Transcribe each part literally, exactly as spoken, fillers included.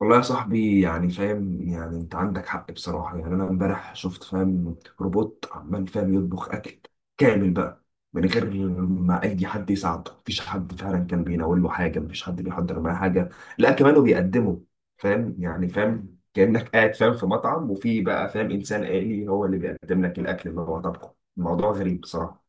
والله يا صاحبي، يعني فاهم يعني انت عندك حق بصراحة. يعني انا امبارح شفت فاهم روبوت عمال فاهم يطبخ اكل كامل بقى من غير ما اي حد يساعده. مفيش حد فعلا كان بيناول له حاجة، مفيش حد بيحضر معاه حاجة، لا كمان وبيقدمه. فاهم يعني فاهم كأنك قاعد فاهم في مطعم، وفي بقى فاهم انسان آلي هو اللي بيقدم لك الاكل اللي هو طبخه. الموضوع غريب بصراحة.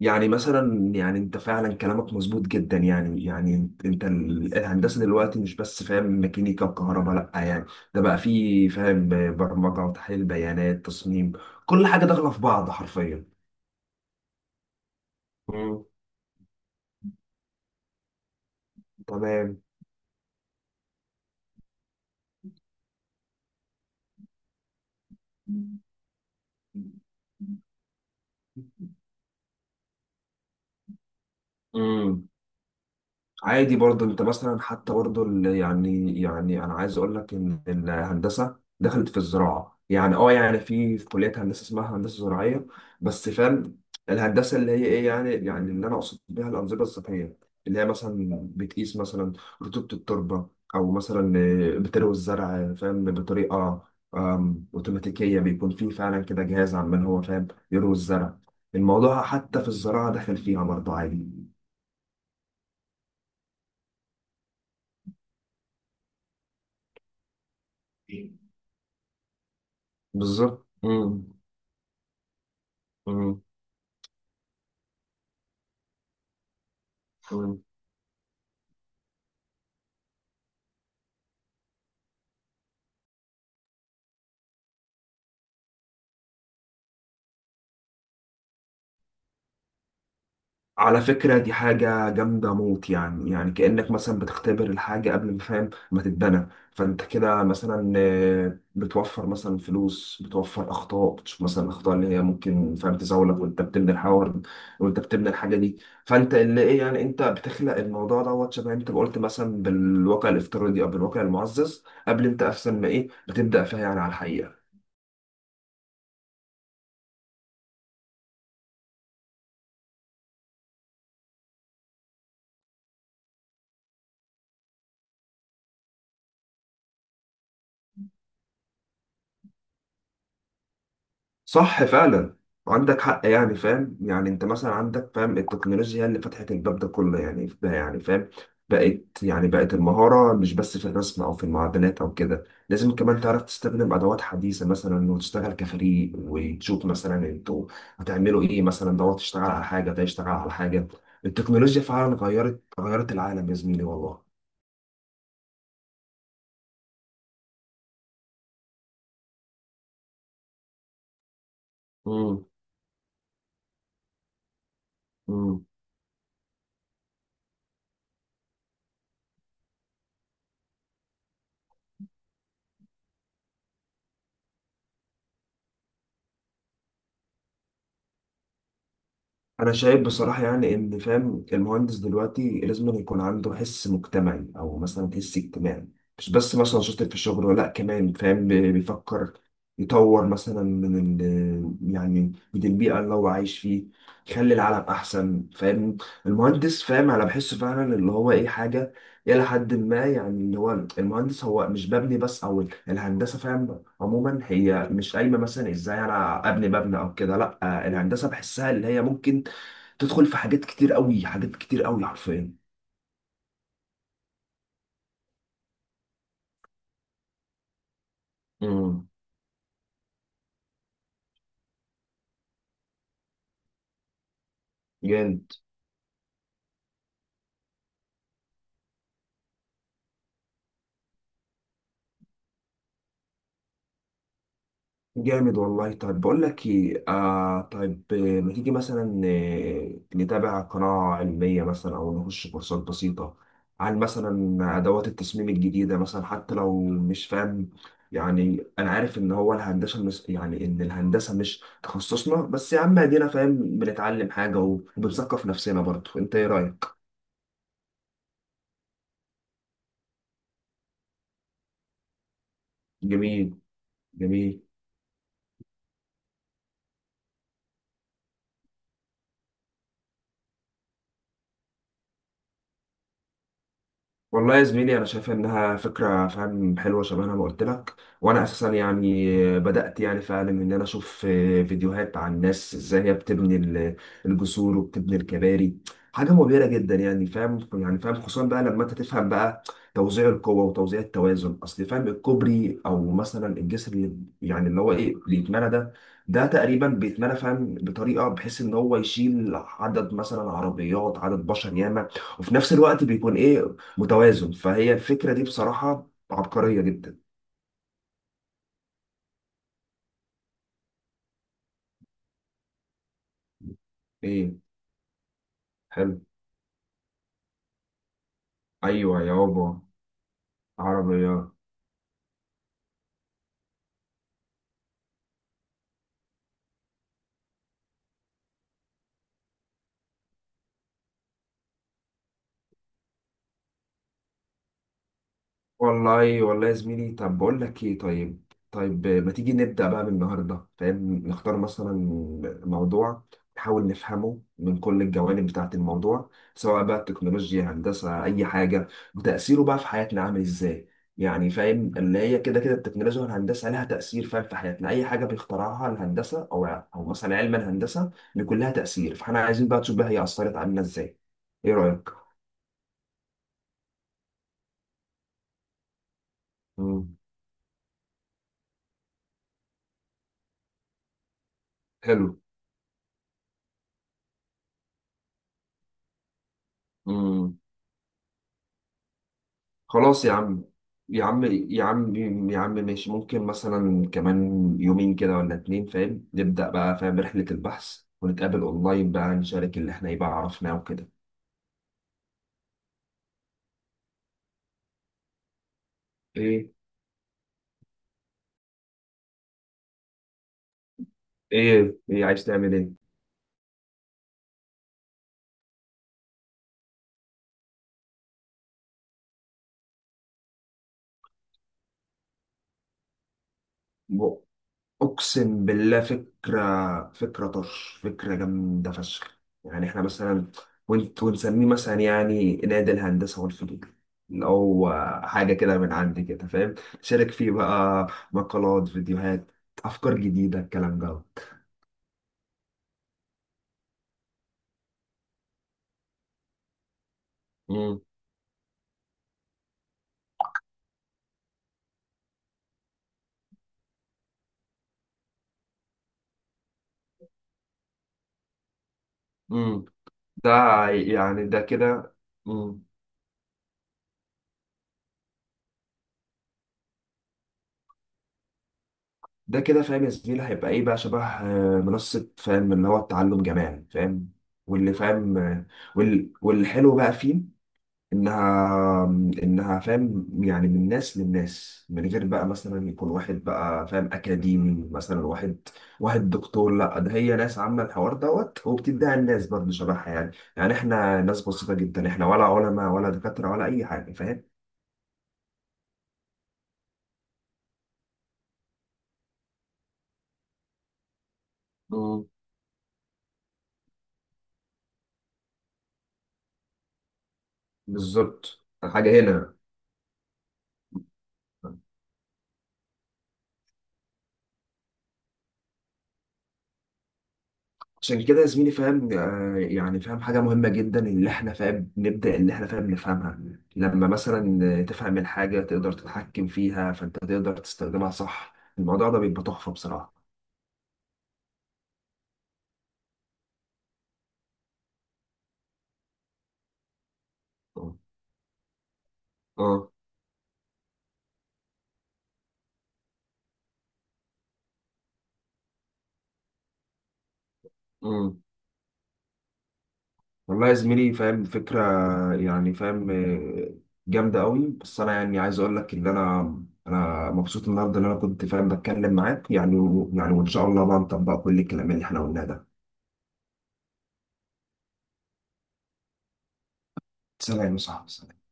يعني مثلا يعني انت فعلا كلامك مظبوط جدا. يعني يعني انت انت ال- الهندسه دلوقتي مش بس فاهم ميكانيكا وكهرباء، لا يعني ده بقى فيه فاهم برمجه وتحليل بيانات تصميم، كل حاجه داخله في بعض حرفيا. مم. تمام. مم. عادي برضه انت مثلا حتى برضه ال- يعني يعني انا عايز اقول لك ان الهندسه دخلت في الزراعه. يعني اه يعني في في كليه هندسه اسمها هندسه زراعيه، بس فاهم الهندسه اللي هي ايه. يعني يعني اللي انا اقصد بيها الانظمه الصحيه، اللي هي مثلا بتقيس مثلا رطوبه التربه، او مثلا بتروي الزرع فاهم بطريقه آم، اوتوماتيكيه. بيكون في فعلا كده جهاز عمال هو فاهم يروي الزرع. الموضوع حتى في الزراعه دخل فيها برضه عادي. بالظبط. مم. مم. مم. على فكرة دي حاجة جامدة موت. يعني يعني كأنك مثلا بتختبر الحاجة قبل ما فاهم ما تتبنى. فأنت كده مثلا آه، بتوفر مثلا فلوس، بتوفر أخطاء، بتشوف مثلا الأخطاء اللي هي ممكن فاهم تزاولك وأنت بتبني الحوار وأنت بتبني الحاجة دي. فأنت اللي إيه، يعني أنت بتخلق الموضوع دوت، شبه أنت ما قلت مثلا بالواقع الافتراضي أو بالواقع المعزز قبل أنت أصلا ما إيه بتبدأ فيها يعني على الحقيقة. صح فعلا، عندك حق. يعني فاهم يعني انت مثلا عندك فاهم التكنولوجيا هي اللي فتحت الباب ده كله. يعني ف- يعني فاهم بقت، يعني بقت المهارة مش بس في الرسم او في المعدنات او كده. لازم كمان تعرف تستخدم ادوات حديثة مثلا وتشتغل كفريق وتشوف مثلا انتوا هتعملوا ايه مثلا. دوت تشتغل على حاجة، ده يشتغل على حاجة. التكنولوجيا فعلا غيرت غيرت العالم يا زميلي والله. امم انا شايف بصراحه يعني ان فاهم المهندس دلوقتي لازم أن يكون عنده حس مجتمعي او مثلا حس اجتماعي. مش بس مثلا شاطر في الشغل، ولا كمان فاهم بي- بيفكر يطور مثلا من ال يعني من البيئه اللي هو عايش فيه، يخلي العالم احسن. فاهم المهندس فاهم انا بحسه فعلا اللي هو ايه حاجه الى حد ما. يعني اللي هو المهندس هو مش ببني بس، او الهندسه فاهم عموما هي مش قايمه مثلا ازاي انا ابني مبنى او كده، لا الهندسه بحسها اللي هي ممكن تدخل في حاجات كتير قوي، حاجات كتير قوي حرفيا. امم جامد. جامد والله. طيب بقول لك ايه، آه طيب، آه، ما تيجي مثلا آه، نتابع قناة علمية مثلا او نخش كورسات بسيطة عن مثلا ادوات التصميم الجديدة مثلا، حتى لو مش فاهم. يعني انا عارف ان هو الهندسة مش، يعني ان الهندسة مش تخصصنا، بس يا عم ادينا فاهم بنتعلم حاجة وبنثقف نفسنا برضه. انت ايه رأيك؟ جميل. جميل. والله يا زميلي انا شايف انها فكره فاهم حلوه، شبه انا ما قلت لك. وانا اساسا يعني بدات يعني فعلا ان انا اشوف فيديوهات عن الناس ازاي هي بتبني ال- الجسور وبتبني الكباري. حاجه مبهره جدا، يعني فاهم يعني فاهم خصوصا بقى لما انت تفهم بقى توزيع القوه وتوزيع التوازن. اصل فاهم الكوبري او مثلا الجسر اللي يعني اللي هو ايه اللي يتمنى ده، ده تقريبا بيتمنى فاهم بطريقه بحيث ان هو يشيل عدد مثلا عربيات، عدد بشر ياما، وفي نفس الوقت بيكون ايه، متوازن. فهي الفكرة دي بصراحة عبقرية جدا. ايه، حلو. ايوه يابا، عربيات. والله والله يا زميلي، طب بقول لك ايه، طيب طيب، ما تيجي نبدأ بقى من النهارده فاهم نختار مثلا موضوع، نحاول نفهمه من كل الجوانب بتاعة الموضوع، سواء بقى التكنولوجيا، هندسة، أي حاجة، وتأثيره بقى في حياتنا عامل ازاي. يعني فاهم اللي هي كده كده التكنولوجيا والهندسة لها تأثير فاهم في حياتنا، أي حاجة بيخترعها الهندسة، أو أو مثلا علم الهندسة بيكون لها تأثير. فاحنا عايزين بقى تشوف بقى هي أثرت علينا ازاي. إيه رأيك؟ مم. حلو. مم. خلاص يا عم. يا عم، يا عم، يا عم ماشي. ممكن مثلا كمان يومين كده ولا اتنين فاهم نبدأ بقى فاهم رحلة البحث ونتقابل اونلاين بقى، نشارك اللي احنا يبقى عرفناه وكده. ايه. ايه. ايه عايز تعمل ايه. اقسم بالله فكره، فكره طرش، فكره جامده فشخ. يعني احنا مثلا، ونت ونسميه مثلا يعني نادي الهندسه والفنون، اللي هو حاجه كده من عندي كده فاهم. شارك فيه بقى مقالات، فيديوهات، افكار جديده، الكلام ده. امم امم ده يعني ده كده. امم ده كده فاهم يا زميلي هيبقى ايه بقى شبه آه، منصه فاهم اللي هو التعلم جماعي فاهم. واللي فاهم آه، وال- والحلو بقى فيه انها، انها فاهم يعني من ناس للناس، من غير بقى مثلا يكون واحد بقى فاهم اكاديمي مثلا، واحد، واحد دكتور، لا ده هي ناس عامه الحوار دوت، وبتديها الناس برضه شبهها يعني. يعني احنا ناس بسيطه جدا احنا، ولا علماء ولا دكاتره ولا اي حاجه فاهم. مم. بالظبط، حاجه هنا. عشان كده يا زميلي فاهم آه، يعني فاهم حاجة مهمة جدا اللي احنا فاهم نبدأ اللي احنا فاهم نفهمها. لما مثلا تفهم الحاجة تقدر تتحكم فيها، فانت تقدر تستخدمها صح. الموضوع ده بيبقى تحفة بصراحة. اه. اه. أمم. والله يا زميلي فاهم فكرة، يعني فاهم آه، جامدة قوي. بس انا يعني عايز اقول لك ان انا، انا مبسوط النهارده ان انا كنت فاهم بتكلم معاك، يعني و- يعني وان شاء الله بقى نطبق كل الكلام اللي احنا قلناه ده. سلام يا صاحبي، سلام.